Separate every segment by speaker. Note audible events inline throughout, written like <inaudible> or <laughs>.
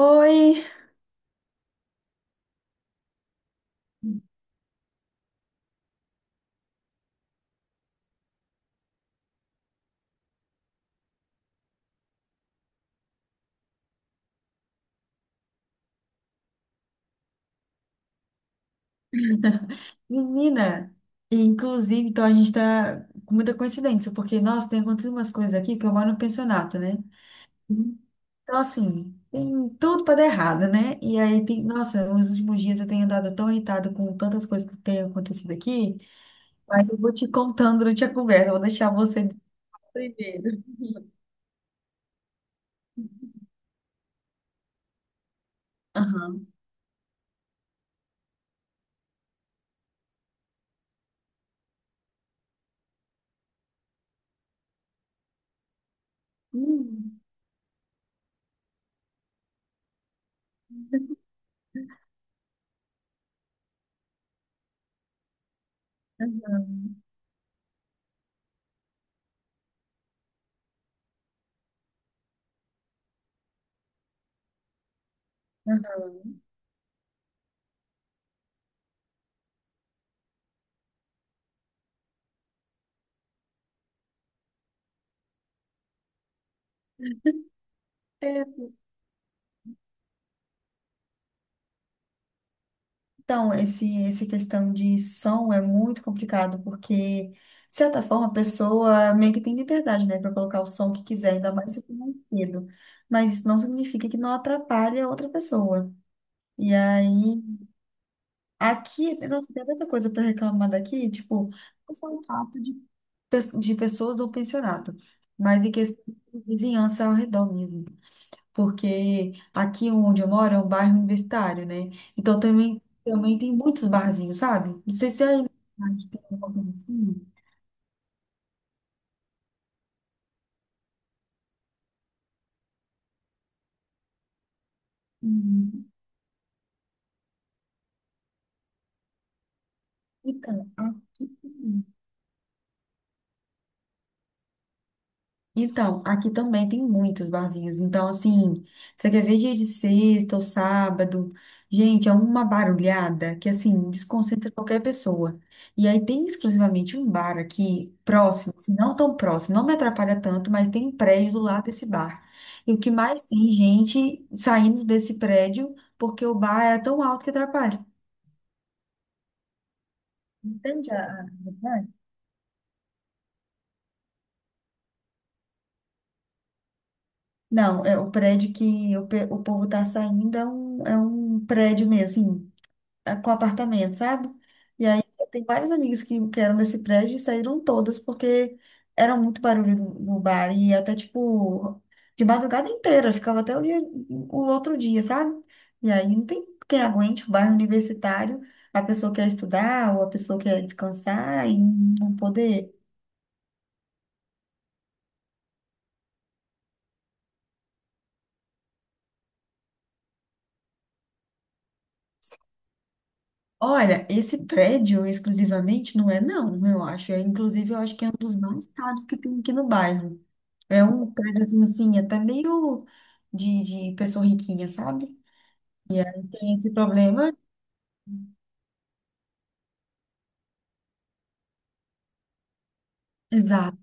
Speaker 1: Oi, <laughs> menina! E, inclusive, então a gente tá com muita coincidência, porque, nossa, tem acontecido umas coisas aqui que eu moro no pensionato, né? Uhum. Então, assim, tem tudo pra dar errado, né? E aí, nossa, nos últimos dias eu tenho andado tão irritada com tantas coisas que têm acontecido aqui, mas eu vou te contando durante a conversa, eu vou deixar você dizer primeiro. <laughs> Aham. Hum. Aham. Aham. É, então, essa questão de som é muito complicado, porque, de certa forma, a pessoa meio que tem liberdade, né, para colocar o som que quiser, ainda mais se for mais cedo. Mas isso não significa que não atrapalhe a outra pessoa. E aí, aqui, nossa, tem tanta coisa para reclamar daqui, tipo, não só o fato de pessoas do pensionato, mas em questão de vizinhança ao redor mesmo, porque aqui onde eu moro é um bairro universitário, né? Então também tem muitos barzinhos, sabe? Não sei se é aí na tem alguma coisa assim. Uhum. Então, aqui. Então, aqui também tem muitos barzinhos. Então, assim, você quer ver dia de sexta ou sábado? Gente, é uma barulhada que, assim, desconcentra qualquer pessoa. E aí tem exclusivamente um bar aqui, próximo, assim, não tão próximo, não me atrapalha tanto, mas tem um prédio do lado desse bar. E o que mais tem gente saindo desse prédio porque o bar é tão alto que atrapalha. Entende a verdade? Não, é o prédio que o povo tá saindo, é um prédio mesmo, assim. Com apartamento, sabe? E aí eu tenho vários amigos que eram desse prédio e saíram todas porque era muito barulho no bar e até tipo de madrugada inteira, ficava até o outro dia, sabe? E aí não tem quem aguente o bairro universitário, a pessoa quer estudar ou a pessoa quer descansar e não poder. Olha, esse prédio exclusivamente não é não, eu acho. É, inclusive, eu acho que é um dos mais caros que tem aqui no bairro. É um prédio assim, assim, até meio de, de pessoa riquinha, sabe? Tem esse problema. Exato.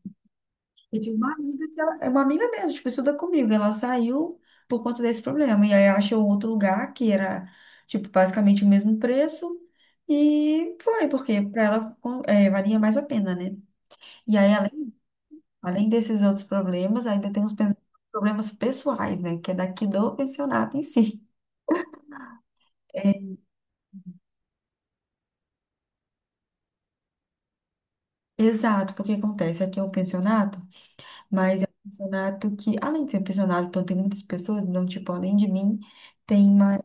Speaker 1: Eu tive uma amiga que ela é uma amiga mesmo, tipo, estuda comigo. Ela saiu por conta desse problema. E aí achou outro lugar que era, tipo, basicamente o mesmo preço. E foi, porque para ela valia mais a pena, né? E aí, além desses outros problemas, ainda tem os problemas pessoais, né? Que é daqui do pensionato em si. É, exato, porque acontece aqui é um pensionato. Mas é um pensionato que, além de ser um pensionato, então tem muitas pessoas, então, tipo, além de mim, tem mais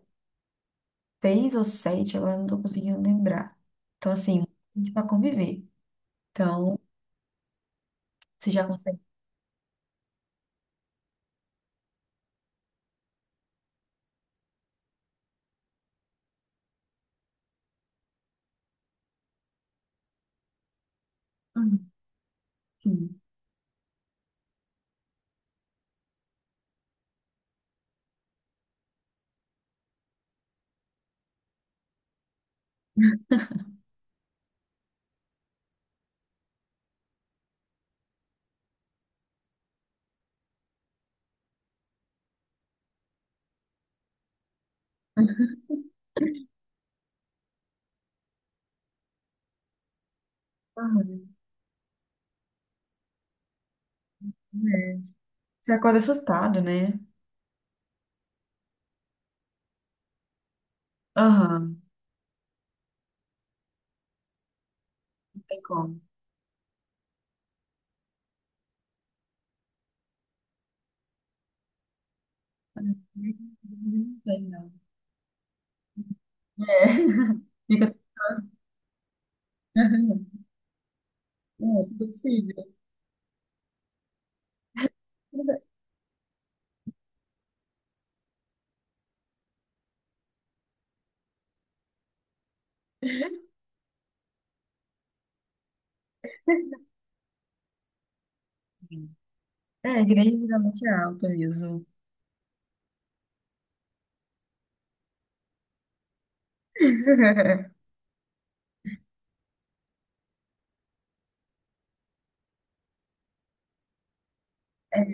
Speaker 1: seis ou sete, agora eu não tô conseguindo lembrar. Então, assim, a gente pra conviver. Então, você já consegue. Uhum, sim. Aham, é. Você acorda assustado, né? Aham, não tem como. Não tem, não. É, <laughs> fica. Aham, é, tudo possível. É, a igreja geralmente é alta mesmo. <laughs> É,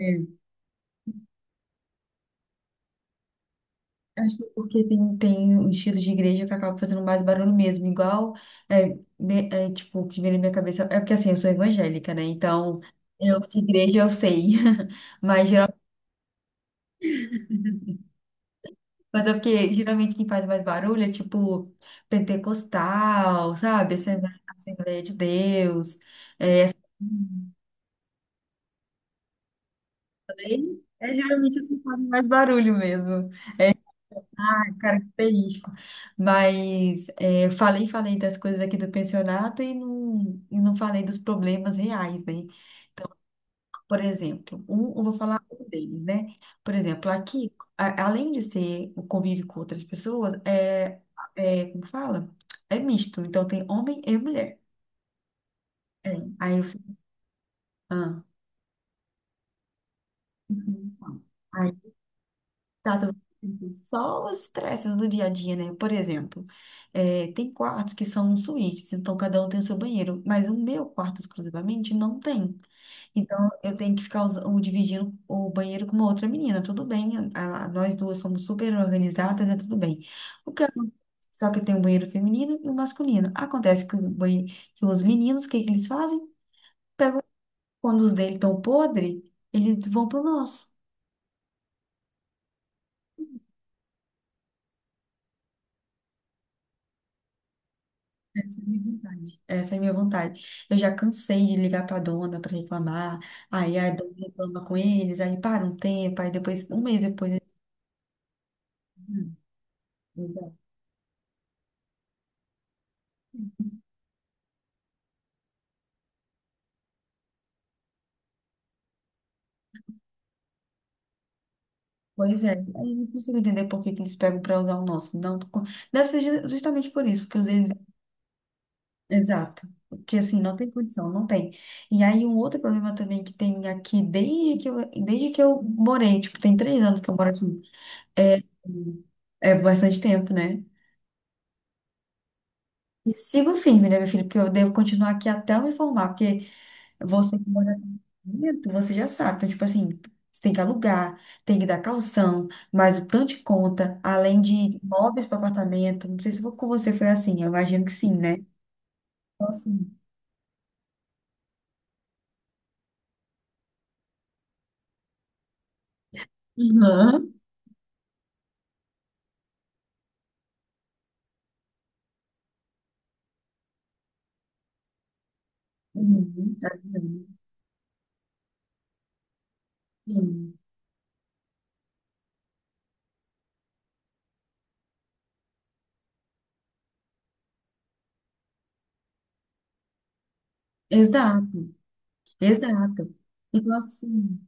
Speaker 1: acho que porque tem um estilo de igreja que acaba fazendo mais barulho mesmo, igual tipo, o que vem na minha cabeça. É porque assim, eu sou evangélica, né? Então, eu de igreja eu sei. <laughs> Mas geralmente, mas é porque geralmente quem faz mais barulho é tipo pentecostal, sabe? Assembleia de Deus. É, é, geralmente assim que fazem mais barulho mesmo. Característico. Mas é, eu falei das coisas aqui do pensionato e e não falei dos problemas reais, né? Por exemplo, eu vou falar um deles, né? Por exemplo, aqui, além de ser o convívio com outras pessoas, como fala? É misto. Então, tem homem e mulher. É, aí você... Ah. Uhum. datas só os estresses do dia a dia, né? Por exemplo, tem quartos que são suítes, então cada um tem o seu banheiro, mas o meu quarto exclusivamente não tem. Então eu tenho que ficar dividindo o banheiro com uma outra menina. Tudo bem, nós duas somos super organizadas, é tudo bem. O que acon- Só que tem um banheiro feminino e um masculino. Acontece que os meninos, o que que eles fazem? Quando os dele estão podre, eles vão pro nosso. Essa é a minha vontade. Essa é a minha vontade. Eu já cansei de ligar para a dona para reclamar. Aí a dona reclama com eles, aí para um tempo, aí depois, um mês depois, eles, "Hum, legal." Pois é, aí eu não consigo entender por que que eles pegam para usar o nosso. Não, deve ser justamente por isso, porque os eles. Exato. Porque assim, não tem condição, não tem. E aí um outro problema também que tem aqui, desde que eu morei, tipo, tem 3 anos que eu moro aqui. É, é, bastante tempo, né? E sigo firme, né, meu filho? Porque eu devo continuar aqui até eu me formar, porque você que mora no apartamento, você já sabe. Então, tipo assim, você tem que alugar, tem que dar calção, mais o tanto de conta, além de móveis para apartamento. Não sei se com você foi assim, eu imagino que sim, né? Então, assim. Uhum. Uhum. Tá vendo? Sim. Exato, exato. Então, assim.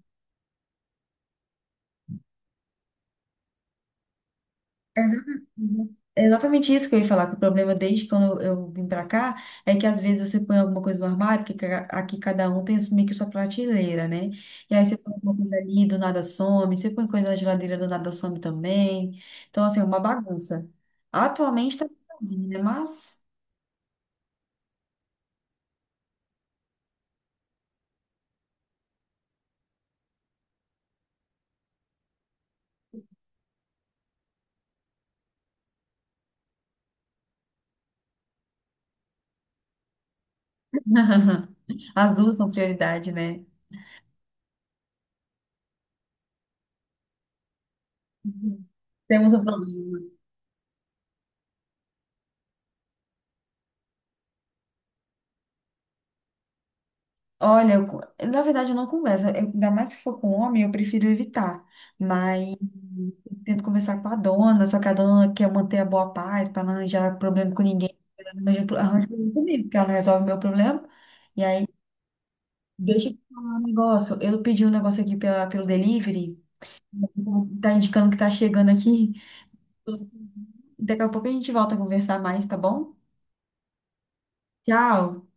Speaker 1: É exata- uhum. É exatamente isso que eu ia falar, que o problema desde quando eu vim pra cá é que às vezes você põe alguma coisa no armário, porque aqui cada um tem meio que sua prateleira, né? E aí você põe alguma coisa ali, do nada some, você põe coisa na geladeira, do nada some também. Então, assim, é uma bagunça. Atualmente tá sozinho, né? Mas <laughs> as duas são prioridade, né? Uhum. Temos um problema. Olha, na verdade eu não converso, ainda mais se for com homem, eu prefiro evitar. Mas eu tento conversar com a dona, só que a dona quer manter a boa paz para não arranjar problema com ninguém. Ela não arranja problema comigo, porque ela não resolve meu problema. E aí, deixa eu te falar um negócio. Eu pedi um negócio aqui pelo delivery, tá indicando que tá chegando aqui. <laughs> Daqui a pouco a gente volta a conversar mais, tá bom? Tchau!